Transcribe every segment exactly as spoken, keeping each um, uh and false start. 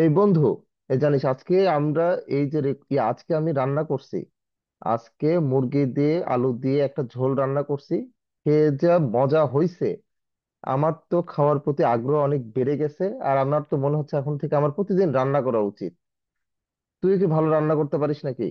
এই বন্ধু, এই জানিস আজকে আমরা, এই যে রে- ই আজকে আমি রান্না করছি। আজকে মুরগি দিয়ে আলু দিয়ে একটা ঝোল রান্না করছি। খেয়ে যা মজা হয়েছে! আমার তো খাওয়ার প্রতি আগ্রহ অনেক বেড়ে গেছে, আর আমার তো মনে হচ্ছে এখন থেকে আমার প্রতিদিন রান্না করা উচিত। তুই কি ভালো রান্না করতে পারিস নাকি?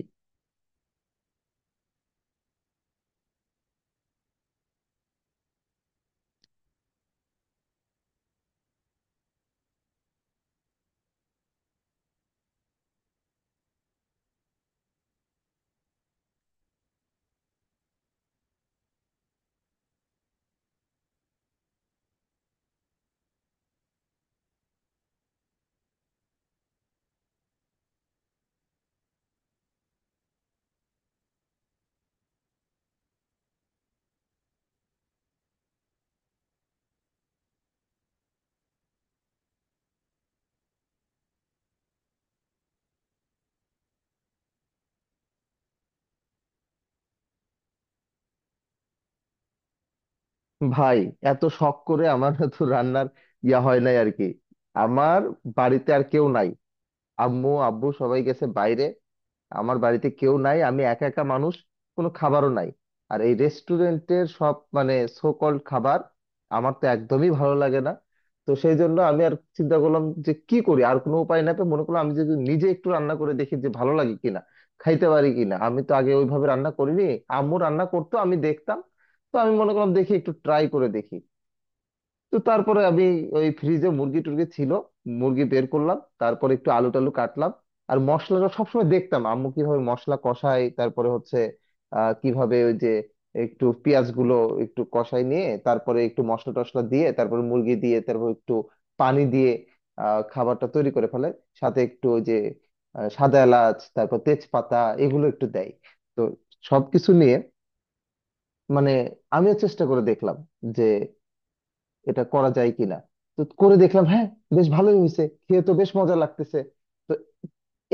ভাই, এত শখ করে আমার তো রান্নার ইয়া হয় নাই আর কি। আমার বাড়িতে আর কেউ নাই, আম্মু আব্বু সবাই গেছে বাইরে। আমার বাড়িতে কেউ নাই, আমি একা একা মানুষ, কোনো খাবারও নাই। আর এই রেস্টুরেন্টের সব মানে সো কল্ড খাবার আমার তো একদমই ভালো লাগে না। তো সেই জন্য আমি আর চিন্তা করলাম যে কি করি, আর কোনো উপায় না, তো মনে করলাম আমি যদি নিজে একটু রান্না করে দেখি যে ভালো লাগে কিনা, খাইতে পারি কিনা। আমি তো আগে ওইভাবে রান্না করিনি, আম্মু রান্না করতো আমি দেখতাম। তো আমি মনে করলাম দেখি একটু ট্রাই করে দেখি। তো তারপরে আমি ওই ফ্রিজে মুরগি টুরগি ছিল, মুরগি বের করলাম, তারপর একটু আলু টালু কাটলাম। আর মশলাটা সবসময় দেখতাম আম্মু কিভাবে মশলা কষায়, তারপরে হচ্ছে আহ কিভাবে ওই যে একটু পেঁয়াজ গুলো একটু কষাই নিয়ে তারপরে একটু মশলা টশলা দিয়ে তারপরে মুরগি দিয়ে তারপর একটু পানি দিয়ে আহ খাবারটা তৈরি করে ফেলে। সাথে একটু ওই যে আহ, সাদা এলাচ তারপর তেজপাতা, এগুলো একটু দেয়। তো সবকিছু নিয়ে, মানে আমিও চেষ্টা করে দেখলাম যে এটা করা যায় কিনা। তো করে দেখলাম, হ্যাঁ, বেশ ভালোই হয়েছে, খেয়ে তো বেশ মজা লাগতেছে। তো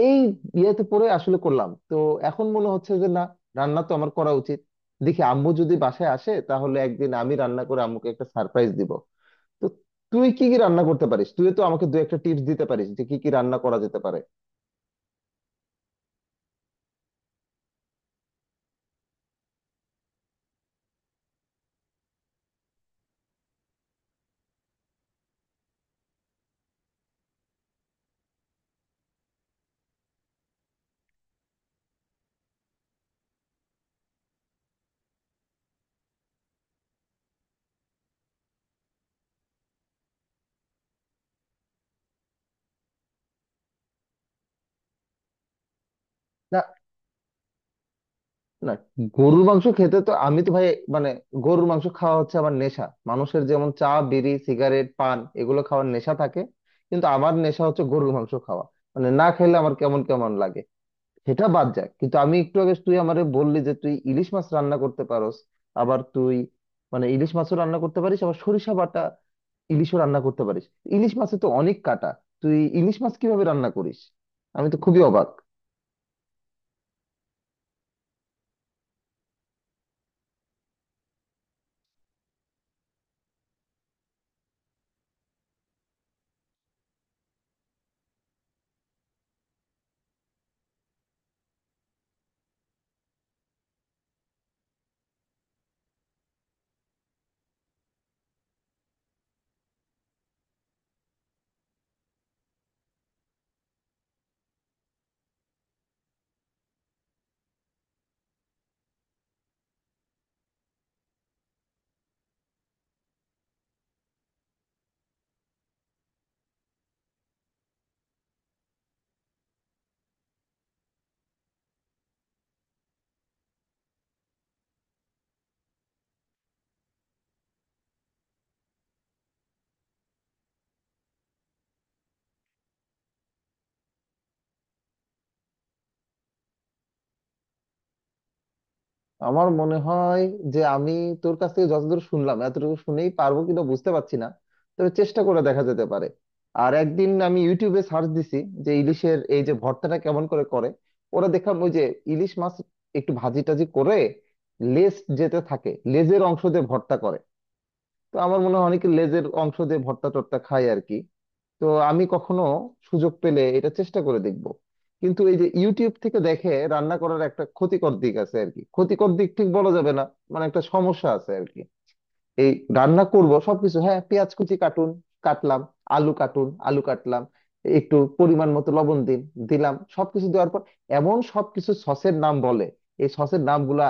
এই ইয়েতে পরে আসলে করলাম তো, এখন মনে হচ্ছে যে না, রান্না তো আমার করা উচিত। দেখি আম্মু যদি বাসায় আসে তাহলে একদিন আমি রান্না করে আম্মুকে একটা সারপ্রাইজ দিব। তো তুই কি কি রান্না করতে পারিস? তুই তো আমাকে দু একটা টিপস দিতে পারিস যে কি কি রান্না করা যেতে পারে। না, গরুর মাংস খেতে তো আমি তো ভাই মানে গরুর মাংস খাওয়া হচ্ছে আমার নেশা। মানুষের যেমন চা বিড়ি সিগারেট পান এগুলো খাওয়ার নেশা থাকে, কিন্তু আমার নেশা হচ্ছে গরুর মাংস খাওয়া। মানে না খেলে আমার কেমন কেমন লাগে। সেটা বাদ যায়, কিন্তু আমি একটু আগে তুই আমারে বললি যে তুই ইলিশ মাছ রান্না করতে পারোস। আবার তুই মানে ইলিশ মাছও রান্না করতে পারিস আবার সরিষা বাটা ইলিশও রান্না করতে পারিস। ইলিশ মাছে তো অনেক কাটা, তুই ইলিশ মাছ কিভাবে রান্না করিস? আমি তো খুবই অবাক। আমার মনে হয় যে আমি তোর কাছ থেকে যতদূর শুনলাম এতটুকু শুনেই পারবো কিনা বুঝতে পারছি না, তবে চেষ্টা করে দেখা যেতে পারে। আর একদিন আমি ইউটিউবে সার্চ দিছি যে ইলিশের এই যে ভর্তাটা কেমন করে করে। ওরা দেখলাম ওই যে ইলিশ মাছ একটু ভাজি টাজি করে, লেজ যেতে থাকে, লেজের অংশ দিয়ে ভর্তা করে। তো আমার মনে হয় অনেকে লেজের অংশ দিয়ে ভর্তা টর্তা খায় আর কি। তো আমি কখনো সুযোগ পেলে এটা চেষ্টা করে দেখব। কিন্তু এই যে ইউটিউব থেকে দেখে রান্না করার একটা ক্ষতিকর দিক আছে আর কি, ক্ষতিকর দিক ঠিক বলা যাবে না, মানে একটা সমস্যা আছে আর কি। এই রান্না করব সবকিছু, হ্যাঁ পেঁয়াজ কুচি কাটুন, কাটলাম। আলু কাটুন, আলু কাটলাম। একটু পরিমাণ মতো লবণ দিন, দিলাম। সবকিছু দেওয়ার পর এমন সবকিছু সসের নাম বলে, এই সসের নামগুলা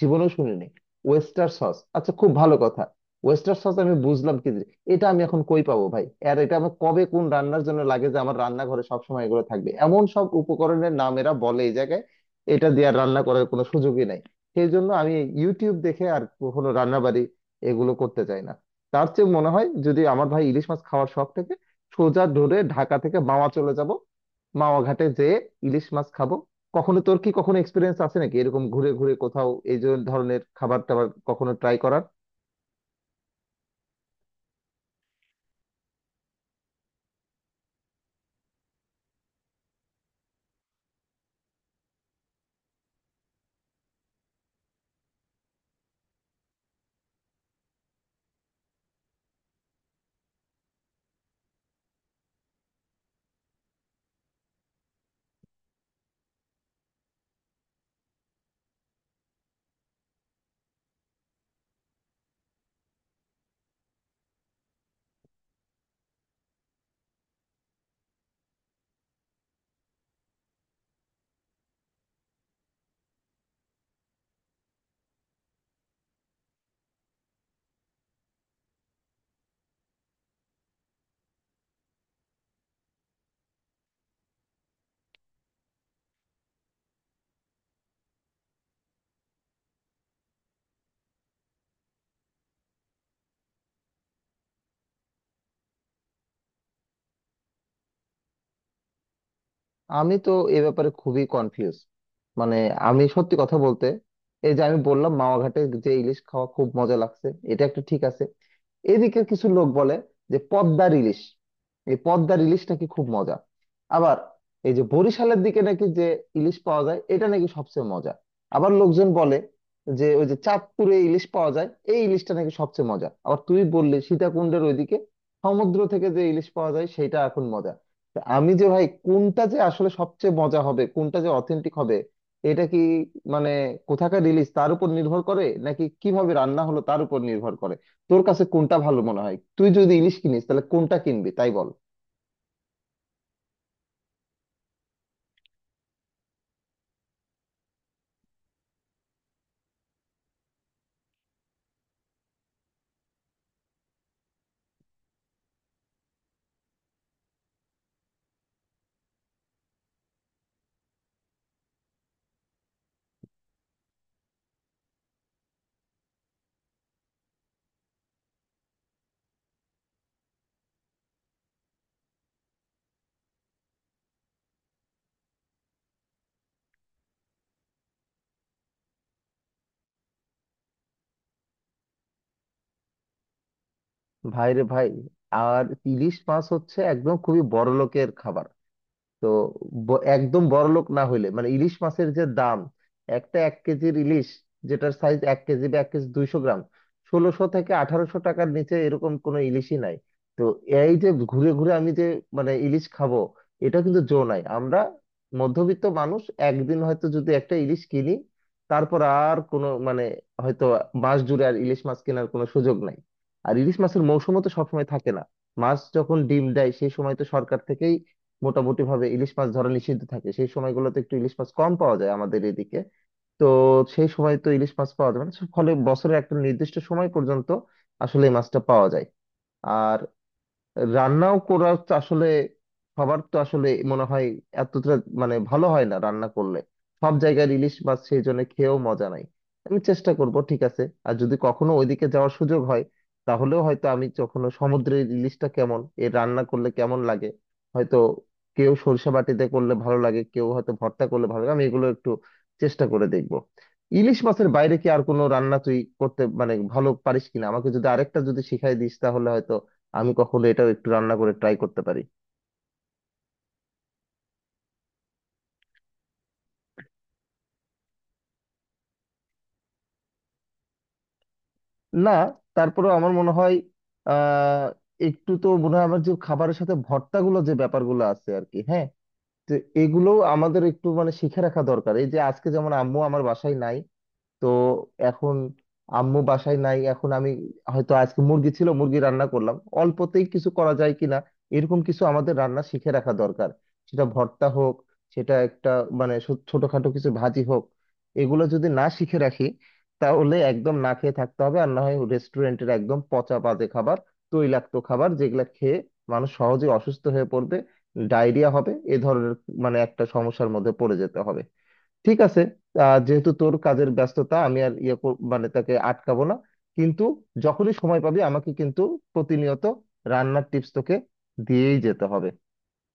জীবনেও শুনিনি। ওয়েস্টার সস, আচ্ছা খুব ভালো কথা, ওয়েস্টার সস আমি বুঝলাম কি জিনিস। এটা আমি এখন কই পাবো ভাই? আর এটা আমার কবে কোন রান্নার জন্য লাগে যে আমার রান্নাঘরে সবসময় এগুলো থাকবে? এমন সব উপকরণের নাম এরা বলে এই জায়গায়, এটা দিয়ে আর রান্না করার কোনো সুযোগই নাই। সেই জন্য আমি ইউটিউব দেখে আর কখনো রান্না এগুলো করতে চাই না। তার চেয়ে মনে হয় যদি আমার ভাই ইলিশ মাছ খাওয়ার শখ থেকে, সোজা ধরে ঢাকা থেকে মাওয়া চলে যাব। মাওয়া ঘাটে যেয়ে ইলিশ মাছ খাবো। কখনো তোর কি কখনো এক্সপিরিয়েন্স আছে নাকি এরকম ঘুরে ঘুরে কোথাও এই যে ধরনের খাবার টাবার কখনো ট্রাই করার? আমি তো এ ব্যাপারে খুবই কনফিউজ। মানে আমি সত্যি কথা বলতে, এই যে আমি বললাম মাওয়া ঘাটে যে ইলিশ খাওয়া খুব মজা লাগছে, এটা একটা ঠিক আছে। এদিকে কিছু লোক বলে যে পদ্মার ইলিশ, এই পদ্মার ইলিশ নাকি খুব মজা। আবার এই যে বরিশালের দিকে নাকি যে ইলিশ পাওয়া যায় এটা নাকি সবচেয়ে মজা। আবার লোকজন বলে যে ওই যে চাঁদপুরে ইলিশ পাওয়া যায়, এই ইলিশটা নাকি সবচেয়ে মজা। আবার তুই বললি সীতাকুণ্ডের ওইদিকে সমুদ্র থেকে যে ইলিশ পাওয়া যায় সেটা এখন মজা। তা আমি যে ভাই কোনটা যে আসলে সবচেয়ে মজা হবে, কোনটা যে অথেন্টিক হবে, এটা কি মানে কোথাকার ইলিশ তার উপর নির্ভর করে, নাকি কিভাবে রান্না হলো তার উপর নির্ভর করে? তোর কাছে কোনটা ভালো মনে হয়? তুই যদি ইলিশ কিনিস তাহলে কোনটা কিনবি তাই বল। ভাই রে ভাই, আর ইলিশ মাছ হচ্ছে একদম খুবই বড় লোকের খাবার। তো ব- একদম বড়লোক না হইলে মানে ইলিশ মাছের যে দাম, একটা এক কেজির ইলিশ, যেটার সাইজ এক কেজি বা এক কেজি দুইশো গ্রাম, ষোলোশো থেকে আঠারোশো টাকার নিচে এরকম কোনো ইলিশই নাই। তো এই যে ঘুরে ঘুরে আমি যে মানে ইলিশ খাবো এটা কিন্তু জো নাই। আমরা মধ্যবিত্ত মানুষ, একদিন হয়তো যদি একটা ইলিশ কিনি, তারপর আর কোনো মানে হয়তো মাস জুড়ে আর ইলিশ মাছ কেনার কোনো সুযোগ নাই। আর ইলিশ মাছের মৌসুমও তো সবসময় থাকে না। মাছ যখন ডিম দেয় সেই সময় তো সরকার থেকেই মোটামুটি ভাবে ইলিশ মাছ ধরা নিষিদ্ধ থাকে, সেই সময়গুলোতে একটু ইলিশ মাছ কম পাওয়া যায় আমাদের এদিকে। তো সেই সময় তো ইলিশ মাছ পাওয়া যাবে না, ফলে বছরের একটা নির্দিষ্ট সময় পর্যন্ত আসলে এই মাছটা পাওয়া যায়। আর রান্নাও করা তো আসলে সবার তো আসলে মনে হয় এতটা মানে ভালো হয় না রান্না করলে, সব জায়গায় ইলিশ মাছ সেই জন্য খেয়েও মজা নাই। আমি চেষ্টা করব, ঠিক আছে, আর যদি কখনো ওইদিকে যাওয়ার সুযোগ হয় তাহলেও হয়তো আমি কখনো সমুদ্রের ইলিশটা কেমন, এর রান্না করলে কেমন লাগে। হয়তো কেউ সরিষা বাটিতে করলে ভালো লাগে, কেউ হয়তো ভর্তা করলে ভালো লাগে, আমি এগুলো একটু চেষ্টা করে দেখব। ইলিশ মাছের বাইরে কি আর কোনো রান্না তুই করতে মানে ভালো পারিস কিনা, আমাকে যদি আরেকটা যদি শিখাই দিস তাহলে হয়তো আমি কখনো এটাও একটু রান্না করে ট্রাই করতে পারি। না, তারপরেও আমার মনে হয় আহ একটু তো মনে হয় আমার যে খাবারের সাথে ভর্তাগুলো যে ব্যাপারগুলো আছে আর কি, হ্যাঁ। তো এগুলো আমাদের একটু মানে শিখে রাখা দরকার। এই যে আজকে যেমন আম্মু আমার বাসায় নাই, তো এখন আম্মু বাসায় নাই, এখন আমি হয়তো আজকে মুরগি ছিল মুরগি রান্না করলাম, অল্পতেই কিছু করা যায় কিনা। এরকম কিছু আমাদের রান্না শিখে রাখা দরকার, সেটা ভর্তা হোক, সেটা একটা মানে ছো- ছোটখাটো কিছু ভাজি হোক। এগুলো যদি না শিখে রাখি তাহলে একদম না খেয়ে থাকতে হবে, আর না হয় রেস্টুরেন্টের একদম পচা বাজে খাবার, তৈলাক্ত খাবার যেগুলো খেয়ে মানুষ সহজে অসুস্থ হয়ে পড়বে, ডায়রিয়া হবে, এ ধরনের মানে একটা সমস্যার মধ্যে পড়ে যেতে হবে। ঠিক আছে, আহ, যেহেতু তোর কাজের ব্যস্ততা আমি আর ইয়ে কর- মানে তাকে আটকাবো না। কিন্তু যখনই সময় পাবি আমাকে কিন্তু প্রতিনিয়ত রান্নার টিপস তোকে দিয়েই যেতে হবে।